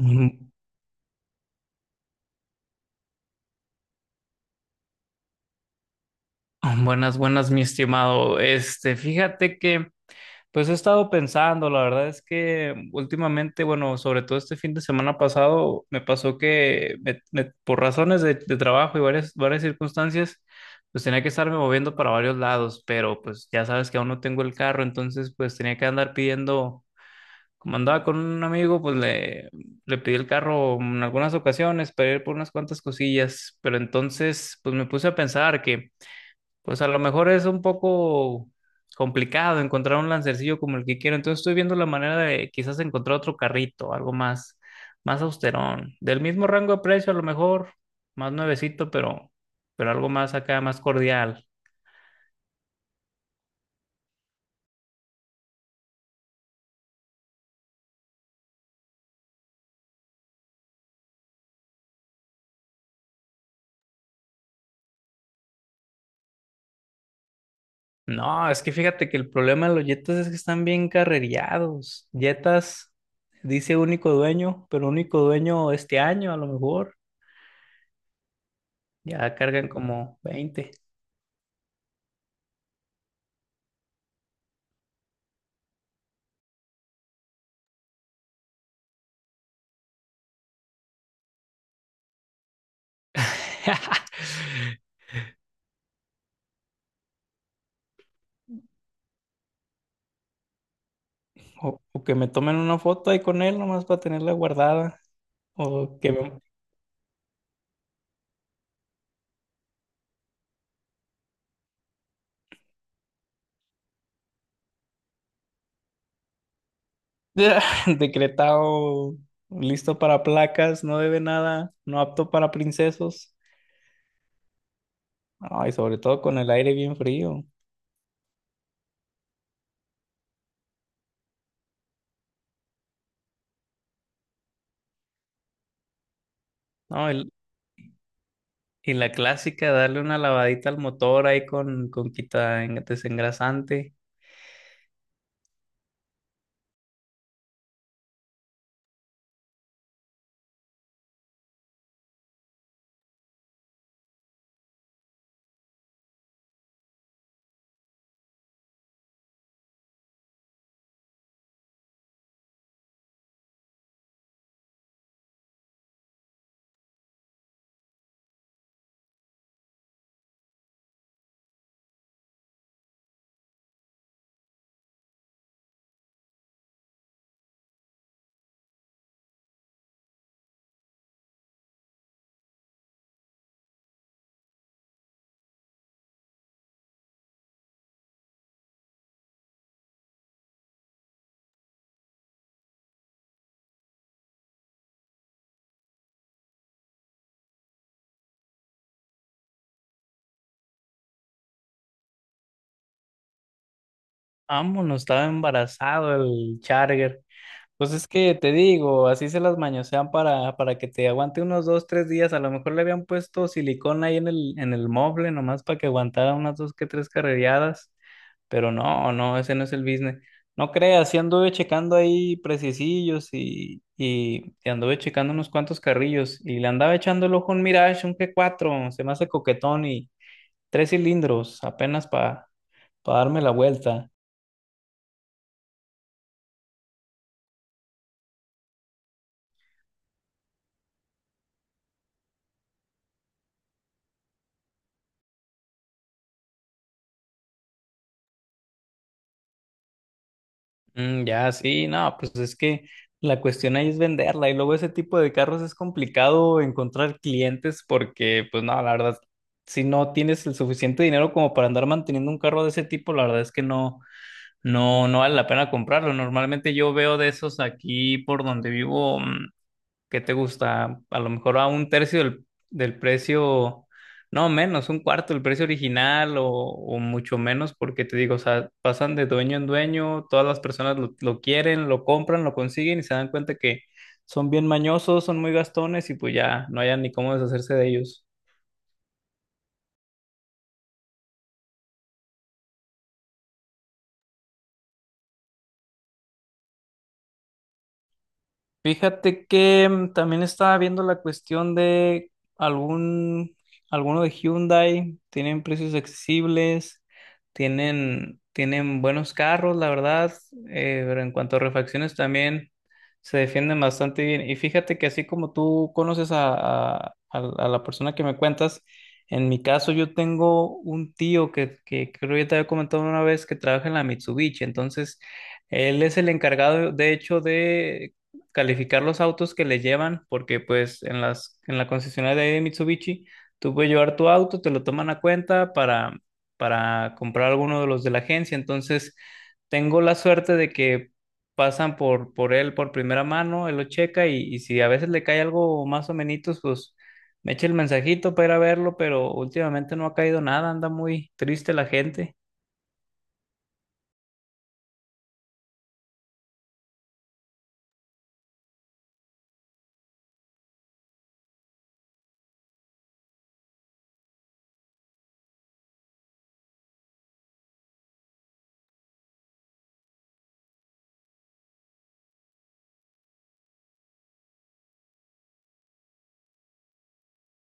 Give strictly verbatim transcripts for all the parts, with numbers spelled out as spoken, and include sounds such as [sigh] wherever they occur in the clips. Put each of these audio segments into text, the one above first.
Mm, buenas, buenas, mi estimado. Este, fíjate que, pues he estado pensando, la verdad es que últimamente, bueno, sobre todo este fin de semana pasado, me pasó que me- me- por razones de, de trabajo y varias, varias circunstancias, pues tenía que estarme moviendo para varios lados, pero pues ya sabes que aún no tengo el carro, entonces pues tenía que andar pidiendo, como andaba con un amigo, pues le, le pedí el carro en algunas ocasiones para ir por unas cuantas cosillas, pero entonces pues me puse a pensar que... Pues a lo mejor es un poco complicado encontrar un lancercillo como el que quiero. Entonces estoy viendo la manera de quizás encontrar otro carrito, algo más, más austerón. Del mismo rango de precio, a lo mejor, más nuevecito, pero, pero algo más acá, más cordial. No, es que fíjate que el problema de los Jetas es que están bien carrereados. Jetas dice único dueño, pero único dueño este año, a lo mejor. Ya cargan como veinte. [laughs] O, o que me tomen una foto ahí con él nomás para tenerla guardada. O que me... [laughs] Decretado listo para placas, no debe nada, no apto para princesos. No, y sobre todo con el aire bien frío. No, el- y la clásica, darle una lavadita al motor ahí con, con quita en- desengrasante. Vámonos, estaba embarazado el Charger. Pues es que te digo, así se las mañosean para, para que te aguante unos dos, tres días. A lo mejor le habían puesto silicón ahí en el, en el mueble, nomás para que aguantara unas dos que tres carrereadas. Pero no, no, ese no es el business. No creas, sí anduve checando ahí precisillos y, y, y anduve checando unos cuantos carrillos. Y le andaba echando el ojo a un Mirage, un G cuatro, se me hace coquetón y tres cilindros, apenas para darme la vuelta. Mm, ya, sí, no, pues es que la cuestión ahí es venderla y luego ese tipo de carros es complicado encontrar clientes porque, pues no, la verdad, si no tienes el suficiente dinero como para andar manteniendo un carro de ese tipo, la verdad es que no, no, no vale la pena comprarlo. Normalmente yo veo de esos aquí por donde vivo. mm, ¿Qué te gusta? A lo mejor a un tercio del, del precio, no menos, un cuarto del precio original o, o mucho menos, porque te digo, o sea, pasan de dueño en dueño, todas las personas lo, lo quieren, lo compran, lo consiguen y se dan cuenta que son bien mañosos, son muy gastones y pues ya no hayan ni cómo deshacerse de ellos. Fíjate que mm, también estaba viendo la cuestión de algún, alguno de Hyundai, tienen precios accesibles, tienen, tienen buenos carros, la verdad, eh, pero en cuanto a refacciones también se defienden bastante bien. Y fíjate que así como tú conoces a, a- a- a la persona que me cuentas, en mi caso yo tengo un tío que, que creo que ya te había comentado una vez que trabaja en la Mitsubishi, entonces... Él es el encargado, de hecho, de calificar los autos que le llevan, porque pues en las, en la concesionaria de ahí de Mitsubishi, tú puedes llevar tu auto, te lo toman a cuenta para, para comprar alguno de los de la agencia. Entonces, tengo la suerte de que pasan por, por él por primera mano, él lo checa y, y si a veces le cae algo más o menos, pues me echa el mensajito para ir a verlo, pero últimamente no ha caído nada, anda muy triste la gente.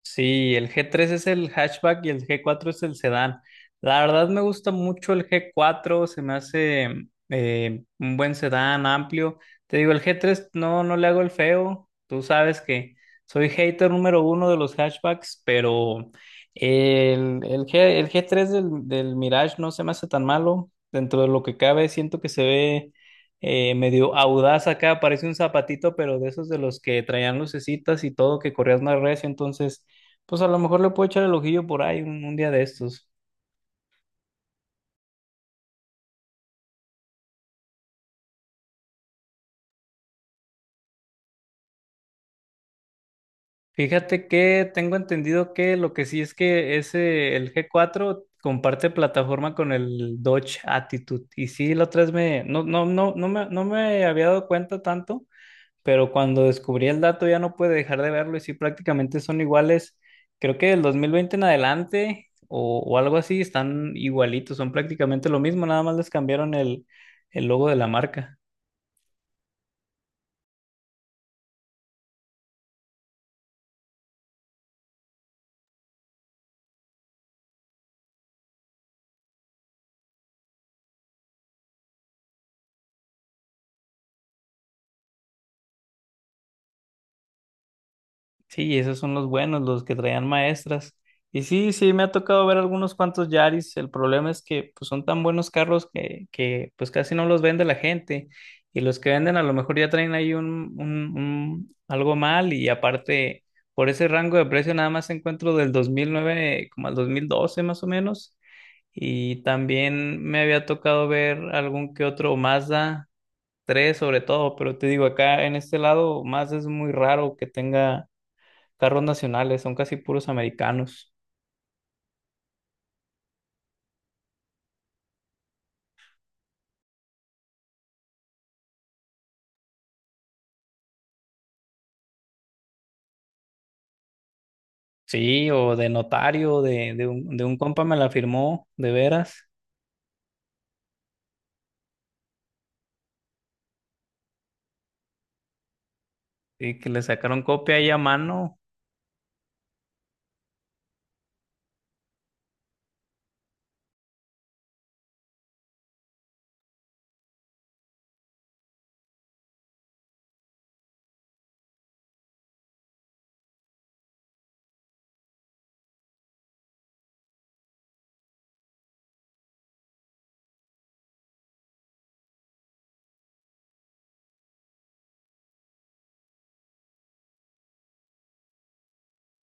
Sí, el g tres es el hatchback y el g cuatro es el sedán. La verdad me gusta mucho el g cuatro, se me hace mm, eh, un buen sedán amplio. Te digo, el g tres no, no le hago el feo. Tú sabes que soy hater número uno de los hatchbacks, pero el, el G, el g tres del, del Mirage no se me hace tan malo. Dentro de lo que cabe, siento que se ve eh, medio audaz acá, parece un zapatito, pero de esos de los que traían lucecitas y todo, que corrías más recio, entonces pues a lo mejor le puedo echar el ojillo por ahí un, un día de estos. Fíjate que tengo entendido que lo que sí es que ese, el G cuatro comparte plataforma con el Dodge Attitude. Y sí, la otra vez me, no, no, no, no me, no me había dado cuenta tanto, pero cuando descubrí el dato ya no pude dejar de verlo y sí, prácticamente son iguales. Creo que del dos mil veinte en adelante o, o algo así están igualitos, son prácticamente lo mismo, nada más les cambiaron el, el logo de la marca. Sí, esos son los buenos, los que traían maestras. Y sí, sí, me ha tocado ver algunos cuantos Yaris. El problema es que pues, son tan buenos carros que, que pues casi no los vende la gente. Y los que venden a lo mejor ya traen ahí un, un, un- algo mal. Y aparte, por ese rango de precio nada más encuentro del dos mil nueve como al dos mil doce más o menos. Y también me había tocado ver algún que otro Mazda tres sobre todo. Pero te digo, acá en este lado Mazda es muy raro que tenga carros nacionales, son casi puros americanos. Sí, o de notario, de, de un, de un compa me la firmó, de veras, y que le sacaron copia ahí a mano.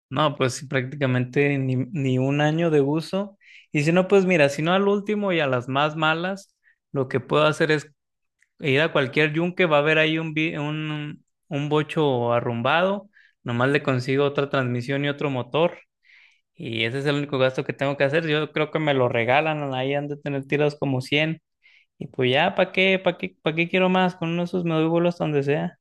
No, pues sí, prácticamente ni, ni un año de uso. Y si no, pues mira, si no al último y a las más malas, lo que puedo hacer es ir a cualquier yunque, va a haber ahí un, vi- un, un bocho arrumbado, nomás le consigo otra transmisión y otro motor. Y ese es el único gasto que tengo que hacer. Yo creo que me lo regalan, ahí han de tener tirados como cien. Y pues ya, ¿para qué? ¿Para qué? ¿Para qué quiero más? Con uno de esos me doy vuelos donde sea.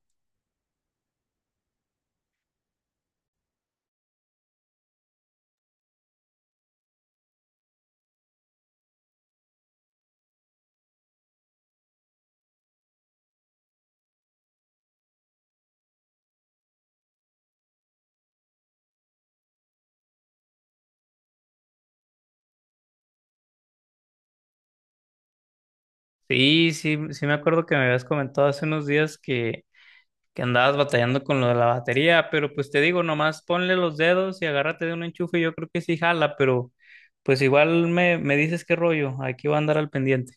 Sí, sí, sí me acuerdo que me habías comentado hace unos días que, que andabas batallando con lo de la batería, pero pues te digo, nomás ponle los dedos y agárrate de un enchufe, yo creo que sí jala, pero pues igual me, me dices qué rollo, aquí voy a andar al pendiente.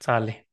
Sale.